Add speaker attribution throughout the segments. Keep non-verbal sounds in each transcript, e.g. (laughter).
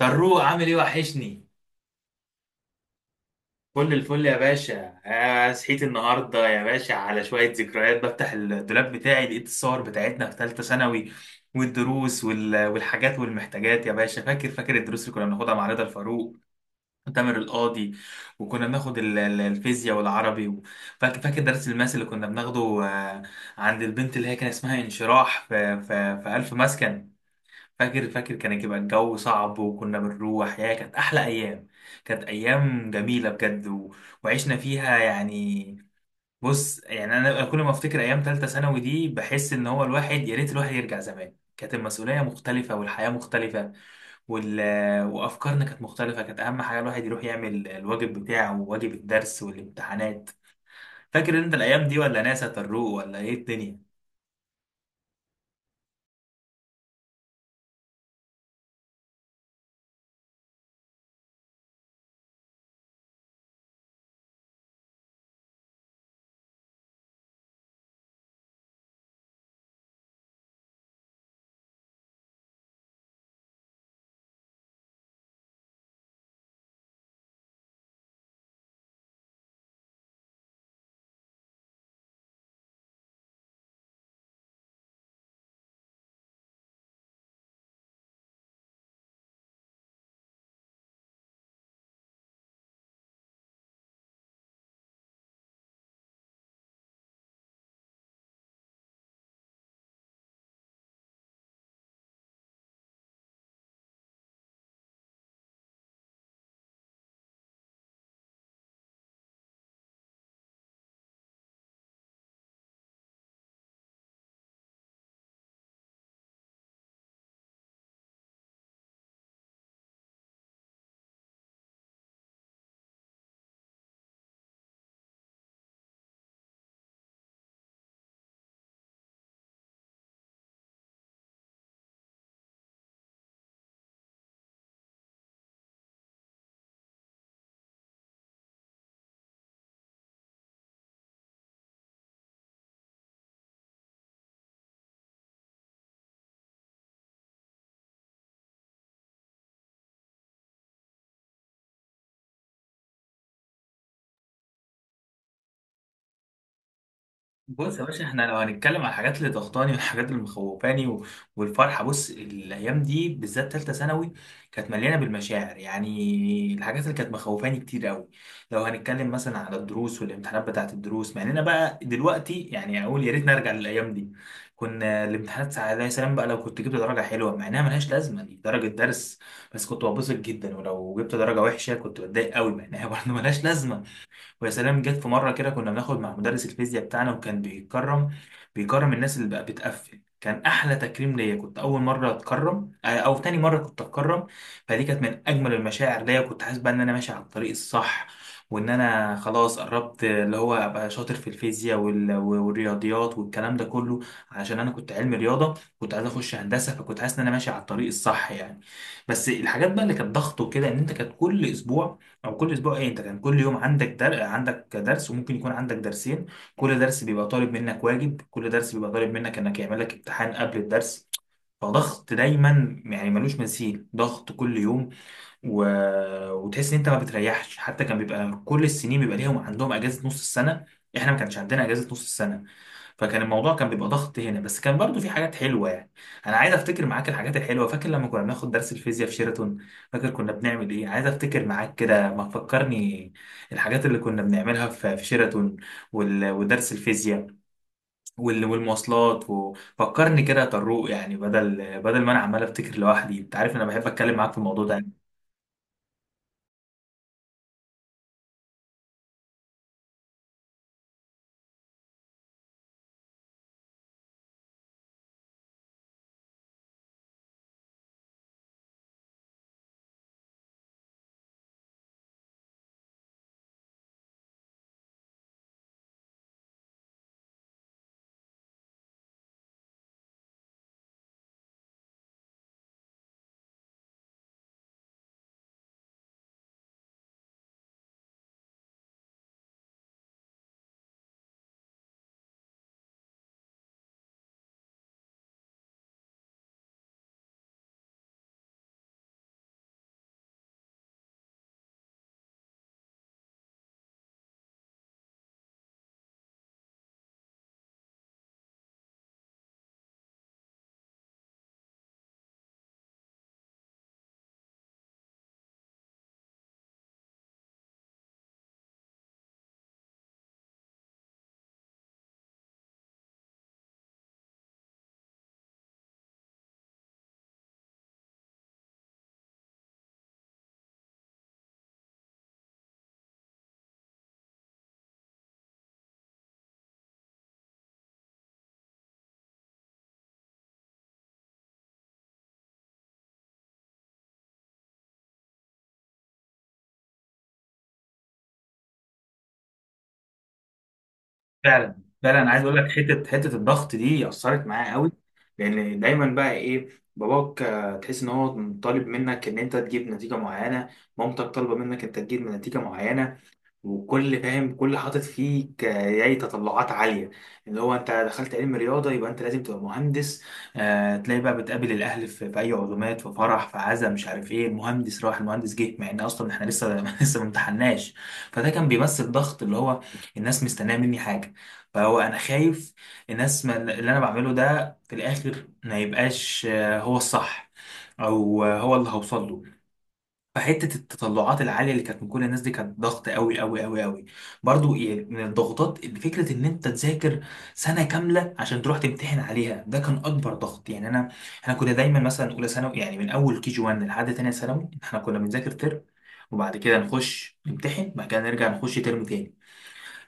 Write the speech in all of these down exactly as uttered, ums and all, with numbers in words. Speaker 1: فاروق، عامل ايه؟ وحشني. كل الفل يا باشا. آه صحيت النهارده يا باشا على شويه ذكريات، بفتح الدولاب بتاعي لقيت الصور بتاعتنا في ثالثه ثانوي، والدروس وال... والحاجات والمحتاجات يا باشا. فاكر فاكر الدروس اللي كنا بناخدها مع رضا الفاروق وتامر القاضي، وكنا بناخد ال- ال- الفيزياء والعربي و- فاكر فاكر درس الماس اللي كنا بناخده، آه، عند البنت اللي هي كان اسمها انشراح في في في ألف مسكن. فاكر فاكر كان يبقى الجو صعب وكنا بنروح، يا كانت احلى ايام. كانت ايام جميله بجد و... وعشنا فيها يعني. بص يعني انا كل ما افتكر ايام ثالثه ثانوي دي بحس ان هو الواحد، يا ريت الواحد يرجع زمان. كانت المسؤوليه مختلفه والحياه مختلفه وال... وافكارنا كانت مختلفه. كانت اهم حاجه الواحد يروح يعمل الواجب بتاعه وواجب الدرس والامتحانات. فاكر انت الايام دي ولا ناسي يا طروق؟ ولا ايه الدنيا؟ بص يا باشا، احنا لو هنتكلم على الحاجات اللي ضغطاني والحاجات اللي مخوفاني و- والفرحه، بص الايام دي بالذات ثالثه ثانوي كانت مليانه بالمشاعر. يعني الحاجات اللي كانت مخوفاني كتير قوي لو هنتكلم مثلا على الدروس والامتحانات بتاعت الدروس، مع اننا بقى دلوقتي يعني اقول يا ريت نرجع للايام دي. كنا الامتحانات ساعات، يا سلام بقى لو كنت جبت درجه حلوه، مع انها ملهاش لازمه دي درجه درس، بس كنت ببسط جدا، ولو جبت درجه وحشه كنت بتضايق قوي مع انها (laughs) برضه ملهاش لازمه. ويا سلام جت في مره كده، كنا بناخد مع مدرس الفيزياء بتاعنا، وكان بيكرم بيكرم الناس اللي بقى بتقفل. كان احلى تكريم ليا، كنت اول مره اتكرم، آه، او تاني مره كنت اتكرم. فدي كانت من اجمل المشاعر ليا، كنت حاسس بقى ان انا ماشي على الطريق الصح، وان انا خلاص قربت اللي هو ابقى شاطر في الفيزياء وال- والرياضيات والكلام ده كله، علشان انا كنت علمي رياضه. كنت عايز اخش هندسه، فكنت حاسس ان انا ماشي على الطريق الصح يعني. بس الحاجات بقى اللي كانت ضغط وكده ان انت كانت كل اسبوع، او كل اسبوع ايه، انت كان كل يوم عندك در... عندك درس وممكن يكون عندك درسين. كل درس بيبقى طالب منك واجب، كل درس بيبقى طالب منك انك يعمل لك امتحان قبل الدرس. فضغط دايما، يعني ملوش مثيل، ضغط كل يوم و... وتحس ان انت ما بتريحش. حتى كان بيبقى كل السنين بيبقى ليهم عندهم اجازه نص السنه، احنا ما كانش عندنا اجازه نص السنه. فكان الموضوع كان بيبقى ضغط هنا. بس كان برضو في حاجات حلوه يعني. انا عايز افتكر معاك الحاجات الحلوه. فاكر لما كنا بناخد درس الفيزياء في شيراتون؟ فاكر كنا بنعمل ايه؟ عايز افتكر معاك كده، ما تفكرني الحاجات اللي كنا بنعملها في في شيراتون وال... ودرس الفيزياء وال... والمواصلات. وفكرني كده يا طروق، يعني بدل بدل ما انا عمال افتكر لوحدي. انت عارف انا بحب اتكلم معاك في الموضوع ده. فعلا فعلا، أنا عايز اقول لك حته حته الضغط دي اثرت معايا قوي. لان دايما بقى ايه، باباك آه، تحس ان هو طالب منك ان انت تجيب نتيجه معينه، مامتك طالبه منك انت تجيب نتيجه معينه، وكل فاهم كل حاطط فيك، آه، يعني تطلعات عالية. اللي هو انت دخلت علم رياضة يبقى انت لازم تبقى مهندس. آه تلاقي بقى بتقابل الاهل في، في اي عزومات، في فرح، في عزا، مش عارف ايه، المهندس راح المهندس جه، مع ان اصلا احنا لسه (laughs) لسه ما امتحناش. فده كان بيمثل ضغط، اللي هو الناس مستنيه مني حاجة، فهو انا خايف الناس، ما اللي انا بعمله ده في الاخر ما يبقاش آه، هو الصح، او آه، هو اللي هوصل له. فحته التطلعات العاليه اللي كانت من كل الناس دي كانت ضغط قوي قوي قوي قوي. برضو يعني، من الضغوطات اللي فكره ان انت تذاكر سنه كامله عشان تروح تمتحن عليها، ده كان اكبر ضغط. يعني انا احنا كنا دايما مثلا اولى ثانوي، يعني من اول كي جي واحد لحد تانية ثانوي احنا كنا بنذاكر ترم، وبعد كده نخش نمتحن، بعد كده نرجع نخش ترم تاني.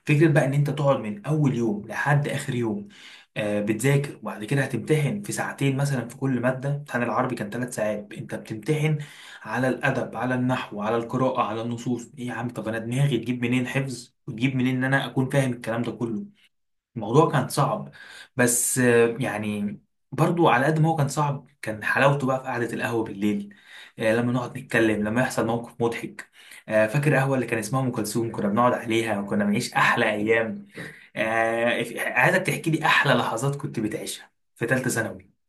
Speaker 1: فكرة بقى ان انت تقعد من اول يوم لحد اخر يوم آه بتذاكر، وبعد كده هتمتحن في ساعتين مثلا في كل مادة. امتحان العربي كان ثلاث ساعات انت بتمتحن على الادب، على النحو، على القراءة، على النصوص. ايه يا عم؟ طب انا دماغي تجيب منين حفظ وتجيب منين ان انا اكون فاهم الكلام ده كله؟ الموضوع كان صعب. بس آه، يعني برضو على قد ما هو كان صعب كان حلاوته بقى في قعدة القهوة بالليل. آه، لما نقعد نتكلم، لما يحصل موقف مضحك. آه، فاكر قهوة اللي كان اسمها أم كلثوم كنا بنقعد عليها وكنا بنعيش أحلى أيام. آه، عايزك تحكي لي أحلى لحظات كنت بتعيشها في تالتة ثانوي.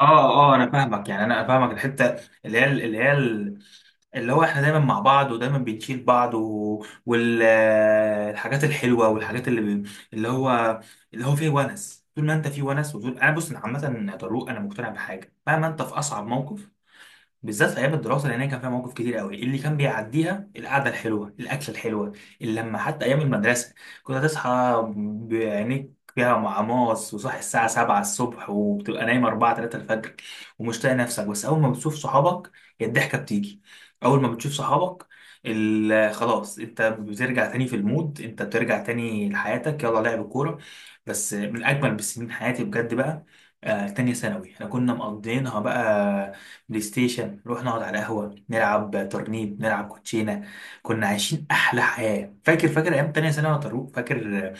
Speaker 1: اه، اه، انا فاهمك. يعني انا فاهمك الحته اللي هي اللي هي، اللي هو احنا دايما مع بعض ودايما بنشيل بعض، والحاجات الحلوه والحاجات اللي ب... اللي هو اللي هو فيه ونس. طول ما انت فيه ونس وطول انا... بص، أنا عامه يا طارق انا مقتنع بحاجه، مهما انت في اصعب موقف بالذات في ايام الدراسه، لان هي كان فيها مواقف كتير قوي اللي كان بيعديها القعده الحلوه، الاكله الحلوه، اللمه. حتى ايام المدرسه، كنت هتصحى بعينيك فيها معماص وصاحي الساعه سبعة الصبح، وبتبقى نايم اربعة تلاتة الفجر، ومش طايق نفسك، بس اول ما بتشوف صحابك هي الضحكه بتيجي. اول ما بتشوف صحابك ال- خلاص، انت بترجع تاني في المود، انت بترجع تاني لحياتك، يلا لعب كوره. بس من اجمل بسنين حياتي بجد بقى. آه، تانية ثانوي احنا كنا مقضيينها بقى بلاي ستيشن، نروح نقعد على قهوة، نلعب ترنيب، نلعب كوتشينة. كنا عايشين أحلى حياة. فاكر فاكر أيام تانية ثانوي يا طارق؟ فاكر،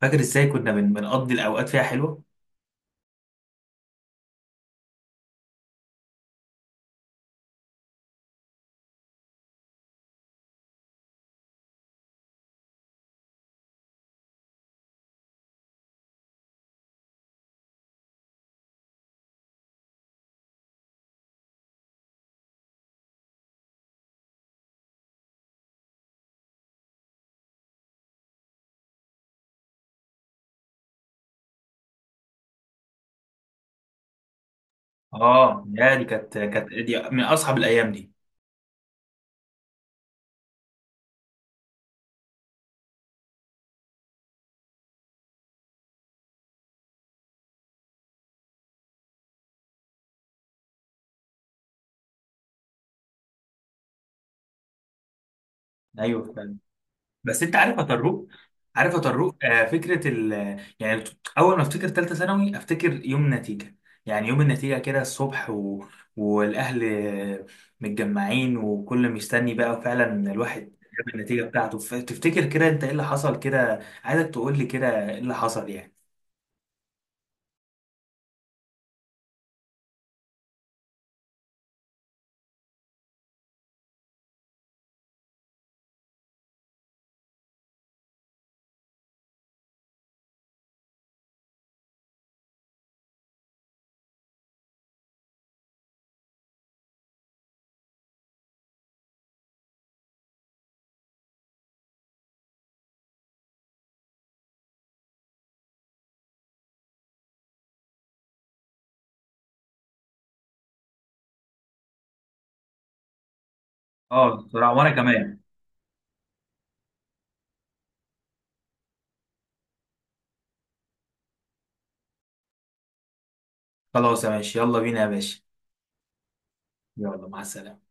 Speaker 1: فاكر إزاي كنا بن- بنقضي الأوقات فيها حلوة. آه يا دي، كانت كانت دي من أصعب الأيام دي. أيوه. بس انت عارف يا طروق، عارف يا طروق، آه فكره ال... يعني، اول ما افتكر ثالثه ثانوي افتكر يوم نتيجه. يعني يوم النتيجه كده الصبح و... والاهل متجمعين وكل مستني. بقى فعلا الواحد جاب النتيجه بتاعته، ف- تفتكر كده انت ايه اللي حصل كده؟ عايزك تقول لي كده ايه اللي حصل يعني. اه بصراحه، وانا كمان. خلاص يا، ماشي يلا بينا يا باشا. يلا مع السلامه.